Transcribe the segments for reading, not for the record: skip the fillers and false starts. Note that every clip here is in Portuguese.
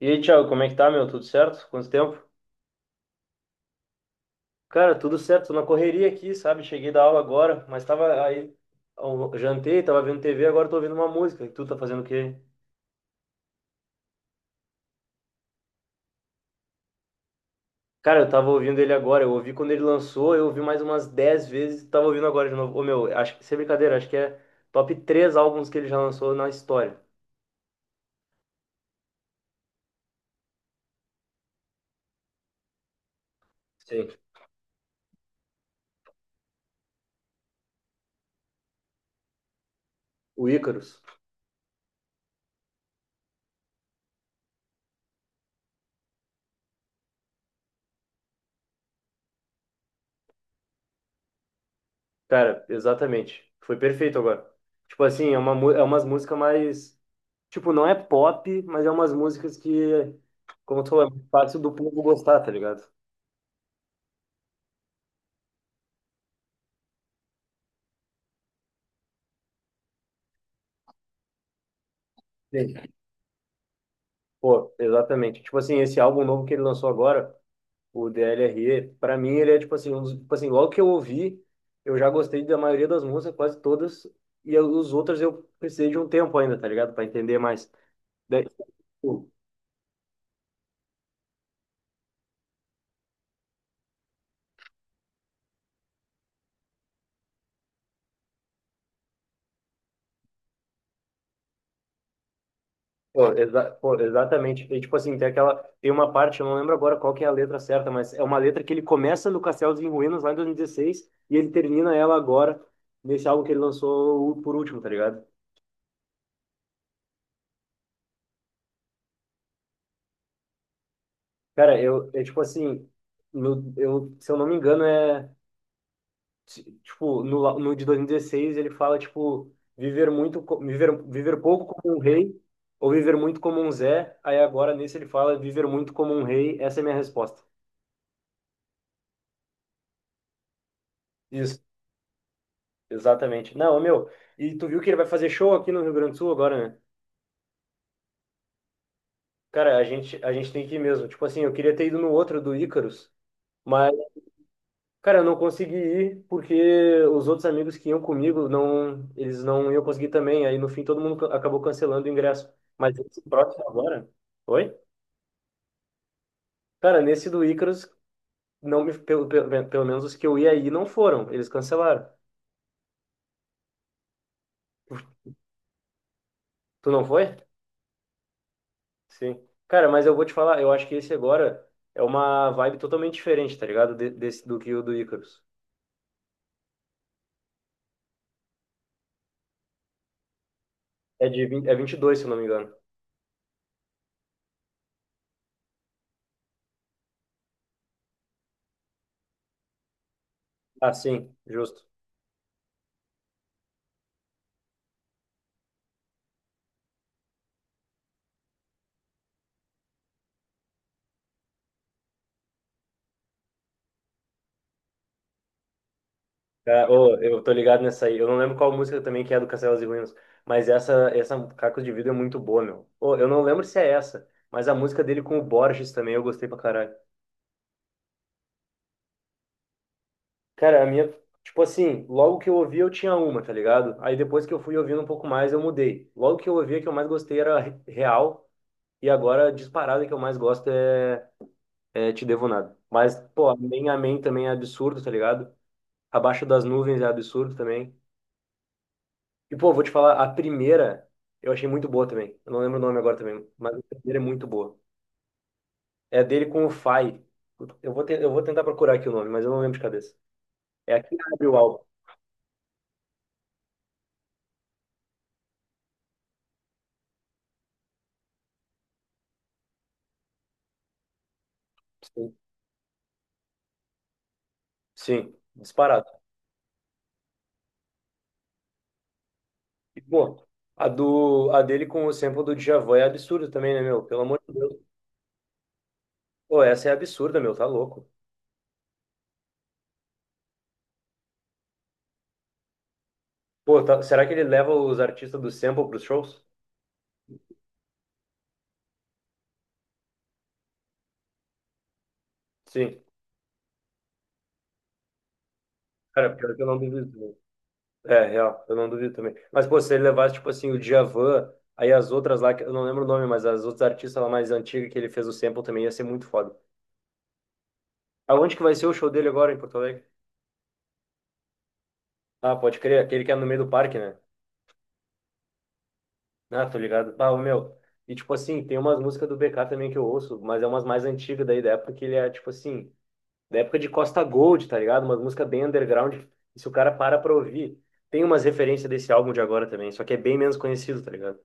E aí, Thiago, como é que tá, meu? Tudo certo? Quanto tempo? Cara, tudo certo, tô na correria aqui, sabe? Cheguei da aula agora, mas tava aí, eu jantei, tava vendo TV, agora tô ouvindo uma música. E tu tá fazendo o quê? Cara, eu tava ouvindo ele agora, eu ouvi quando ele lançou, eu ouvi mais umas 10 vezes, tava ouvindo agora de novo. Ô, meu, acho que, sem brincadeira, acho que é top 3 álbuns que ele já lançou na história. Sim. O Ícaros. Cara, exatamente. Foi perfeito agora. Tipo assim, é umas músicas mais. Tipo, não é pop, mas é umas músicas que, como tu falou, é muito fácil do povo gostar, tá ligado? Sim. Pô, exatamente. Tipo assim, esse álbum novo que ele lançou agora, o DLRE, pra mim ele é tipo assim, um dos, tipo assim, logo que eu ouvi, eu já gostei da maioria das músicas, quase todas, e os outros eu precisei de um tempo ainda, tá ligado? Pra entender mais. Daí, tipo, pô, exatamente. E, tipo assim, tem aquela. Tem uma parte, eu não lembro agora qual que é a letra certa, mas é uma letra que ele começa no Castelos em Ruínas lá em 2016 e dezesseis e ele termina ela agora, nesse álbum que ele lançou por último, tá ligado? Cara, eu. É tipo assim. No, eu, se eu não me engano, é. Tipo, no, no de 2016 ele fala, tipo, viver muito. Viver pouco como um rei ou viver muito como um Zé. Aí agora nesse ele fala viver muito como um rei. Essa é a minha resposta. Isso. Exatamente. Não, ô, meu, e tu viu que ele vai fazer show aqui no Rio Grande do Sul agora, né? Cara, a gente tem que ir mesmo. Tipo assim, eu queria ter ido no outro do Ícaros, mas, cara, eu não consegui ir porque os outros amigos que iam comigo, não, eles não iam conseguir também. Aí no fim todo mundo acabou cancelando o ingresso. Mas esse próximo agora. Oi? Cara, nesse do Ícaros, não me, pelo menos os que eu ia aí não foram. Eles cancelaram. Tu não foi? Sim. Cara, mas eu vou te falar, eu acho que esse agora é uma vibe totalmente diferente, tá ligado? Desse, do que o do Icarus. É de 22 se eu não me engano. Ah, sim, justo. Cara, ô, eu tô ligado nessa aí. Eu não lembro qual música também que é do Castelos e Ruínas, mas essa Cacos de Vidro é muito boa, meu. Ô, eu não lembro se é essa, mas a música dele com o Borges também eu gostei pra caralho. Cara, a minha, tipo assim, logo que eu ouvi eu tinha uma, tá ligado? Aí depois que eu fui ouvindo um pouco mais eu mudei. Logo que eu ouvi a que eu mais gostei era Real. E agora, a disparada que eu mais gosto é, Te Devo Nada. Mas, pô, Amém também é absurdo, tá ligado? Abaixo das Nuvens é absurdo também. E, pô, vou te falar, a primeira eu achei muito boa também. Eu não lembro o nome agora também, mas a primeira é muito boa. É dele com o Fai. Eu vou tentar procurar aqui o nome, mas eu não lembro de cabeça. É aqui que abre o álbum. Sim. Sim, disparado. E, pô, a, dele com o sample do Djavan é absurdo também, né, meu? Pelo amor de Deus. Pô, essa é absurda, meu, tá louco. Pô, será que ele leva os artistas do Sample pros shows? Sim. Cara, pior que eu não duvido também. É, real, eu não duvido também. Mas, pô, se ele levasse, tipo assim, o Djavan, aí as outras lá, que eu não lembro o nome, mas as outras artistas lá mais antigas que ele fez o Sample também ia ser muito foda. Aonde que vai ser o show dele agora em Porto Alegre? Ah, pode crer, aquele que é no meio do parque, né? Ah, tô ligado. Ah, ô, meu. E, tipo assim, tem umas músicas do BK também que eu ouço, mas é umas mais antigas daí, da época que ele é, tipo assim. Da época de Costa Gold, tá ligado? Uma música bem underground. E se o cara para pra ouvir, tem umas referências desse álbum de agora também, só que é bem menos conhecido, tá ligado?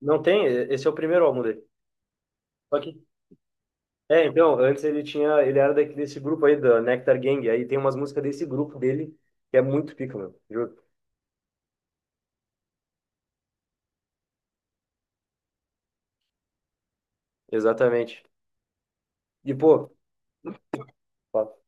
Não tem, esse é o primeiro álbum dele. Só que, é, então, antes ele tinha, ele era daqui desse grupo aí, da Nectar Gang, aí tem umas músicas desse grupo dele, que é muito pica, meu, juro. Exatamente. E, pô, ó,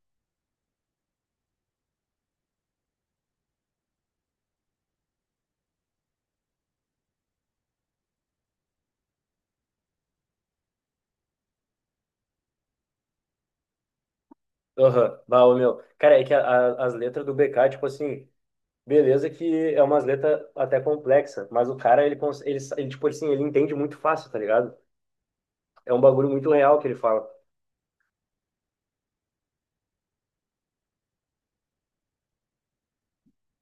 aham, bah, ô, meu, cara, é que as letras do BK, tipo assim, beleza que é umas letras até complexa, mas o cara, ele, tipo assim, ele entende muito fácil, tá ligado? É um bagulho muito real que ele fala.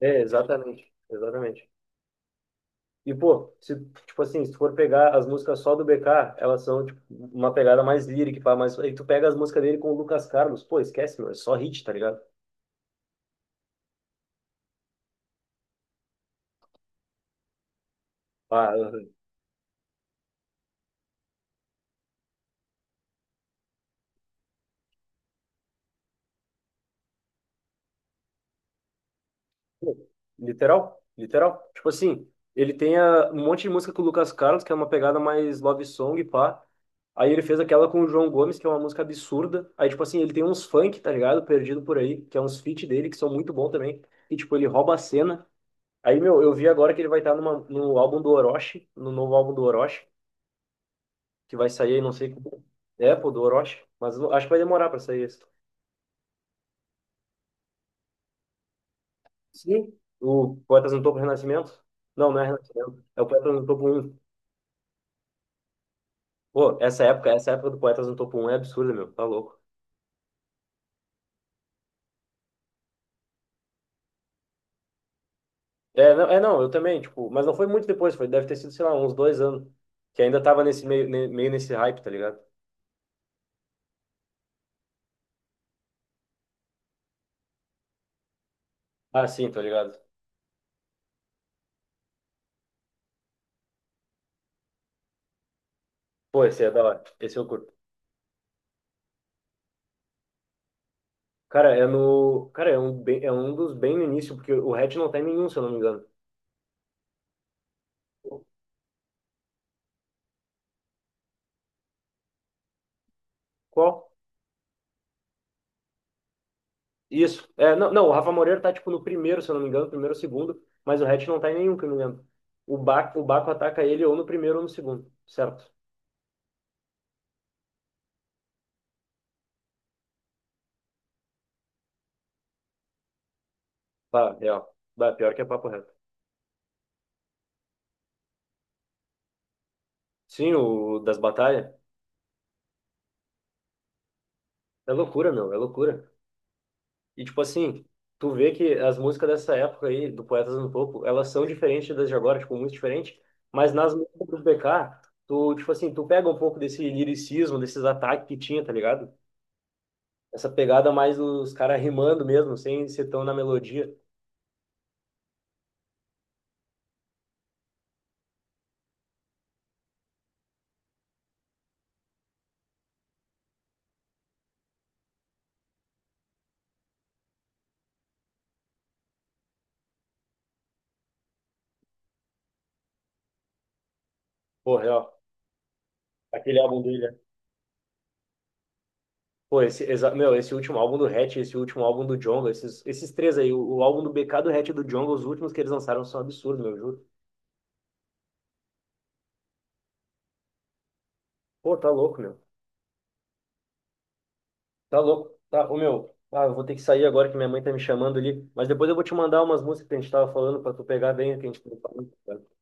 É, exatamente. Exatamente. E, pô, se, tipo assim, se tu for pegar as músicas só do BK, elas são, tipo, uma pegada mais lírica, pá, mas aí tu pega as músicas dele com o Lucas Carlos, pô, esquece, meu, é só hit, tá ligado? Ah, pô, literal, literal. Tipo assim, ele tem um monte de música com o Lucas Carlos, que é uma pegada mais love song, pá. Aí ele fez aquela com o João Gomes, que é uma música absurda. Aí, tipo assim, ele tem uns funk, tá ligado? Perdido por aí, que é uns feat dele, que são muito bom também. E, tipo, ele rouba a cena. Aí, meu, eu vi agora que ele vai estar numa, no álbum do Orochi, no novo álbum do Orochi, que vai sair aí, não sei. É, pô, do Orochi. Mas eu acho que vai demorar pra sair esse. Sim. O Poetas no Topo Renascimento? Não, não é Renascimento. É o Poetas no Topo Um. Pô, essa época do Poetas no Topo Um é absurda, meu. Tá louco. É, não, eu também, tipo, mas não foi muito depois, foi, deve ter sido, sei lá, uns 2 anos. Que ainda tava nesse meio, meio nesse hype, tá ligado? Ah, sim, tô ligado. Pô, esse é da hora. Esse eu curto. Cara, é no. Cara, é um dos bem no início, porque o Hatch não tá em nenhum, se eu não me engano. Qual? Isso. É, não, não, o Rafa Moreira tá tipo no primeiro, se eu não me engano, primeiro ou segundo, mas o Hatch não tá em nenhum, que eu me lembro. O Baco ataca ele ou no primeiro ou no segundo, certo? Bah, real. Bah, pior que é papo reto. Sim, o das batalhas. É loucura, meu, é loucura. E, tipo assim, tu vê que as músicas dessa época aí, do Poetas no Topo, elas são diferentes das de agora, tipo, muito diferentes. Mas nas músicas do BK, tu, tipo assim, tu pega um pouco desse liricismo, desses ataques que tinha, tá ligado? Essa pegada mais dos caras rimando mesmo, sem ser tão na melodia. Pô, real. Aquele álbum dele, né? Pô, esse, meu, esse último álbum do Hatch, esse último álbum do Djonga, esses três aí, o álbum do BK, do Hatch e do Djonga, os últimos que eles lançaram são absurdos, meu, eu juro. Pô, tá louco, meu. Tá louco? Tá, ô meu, eu vou ter que sair agora que minha mãe tá me chamando ali, mas depois eu vou te mandar umas músicas que a gente tava falando pra tu pegar bem o que a gente tava falando, cara.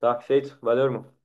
Tá feito? Valeu, irmão.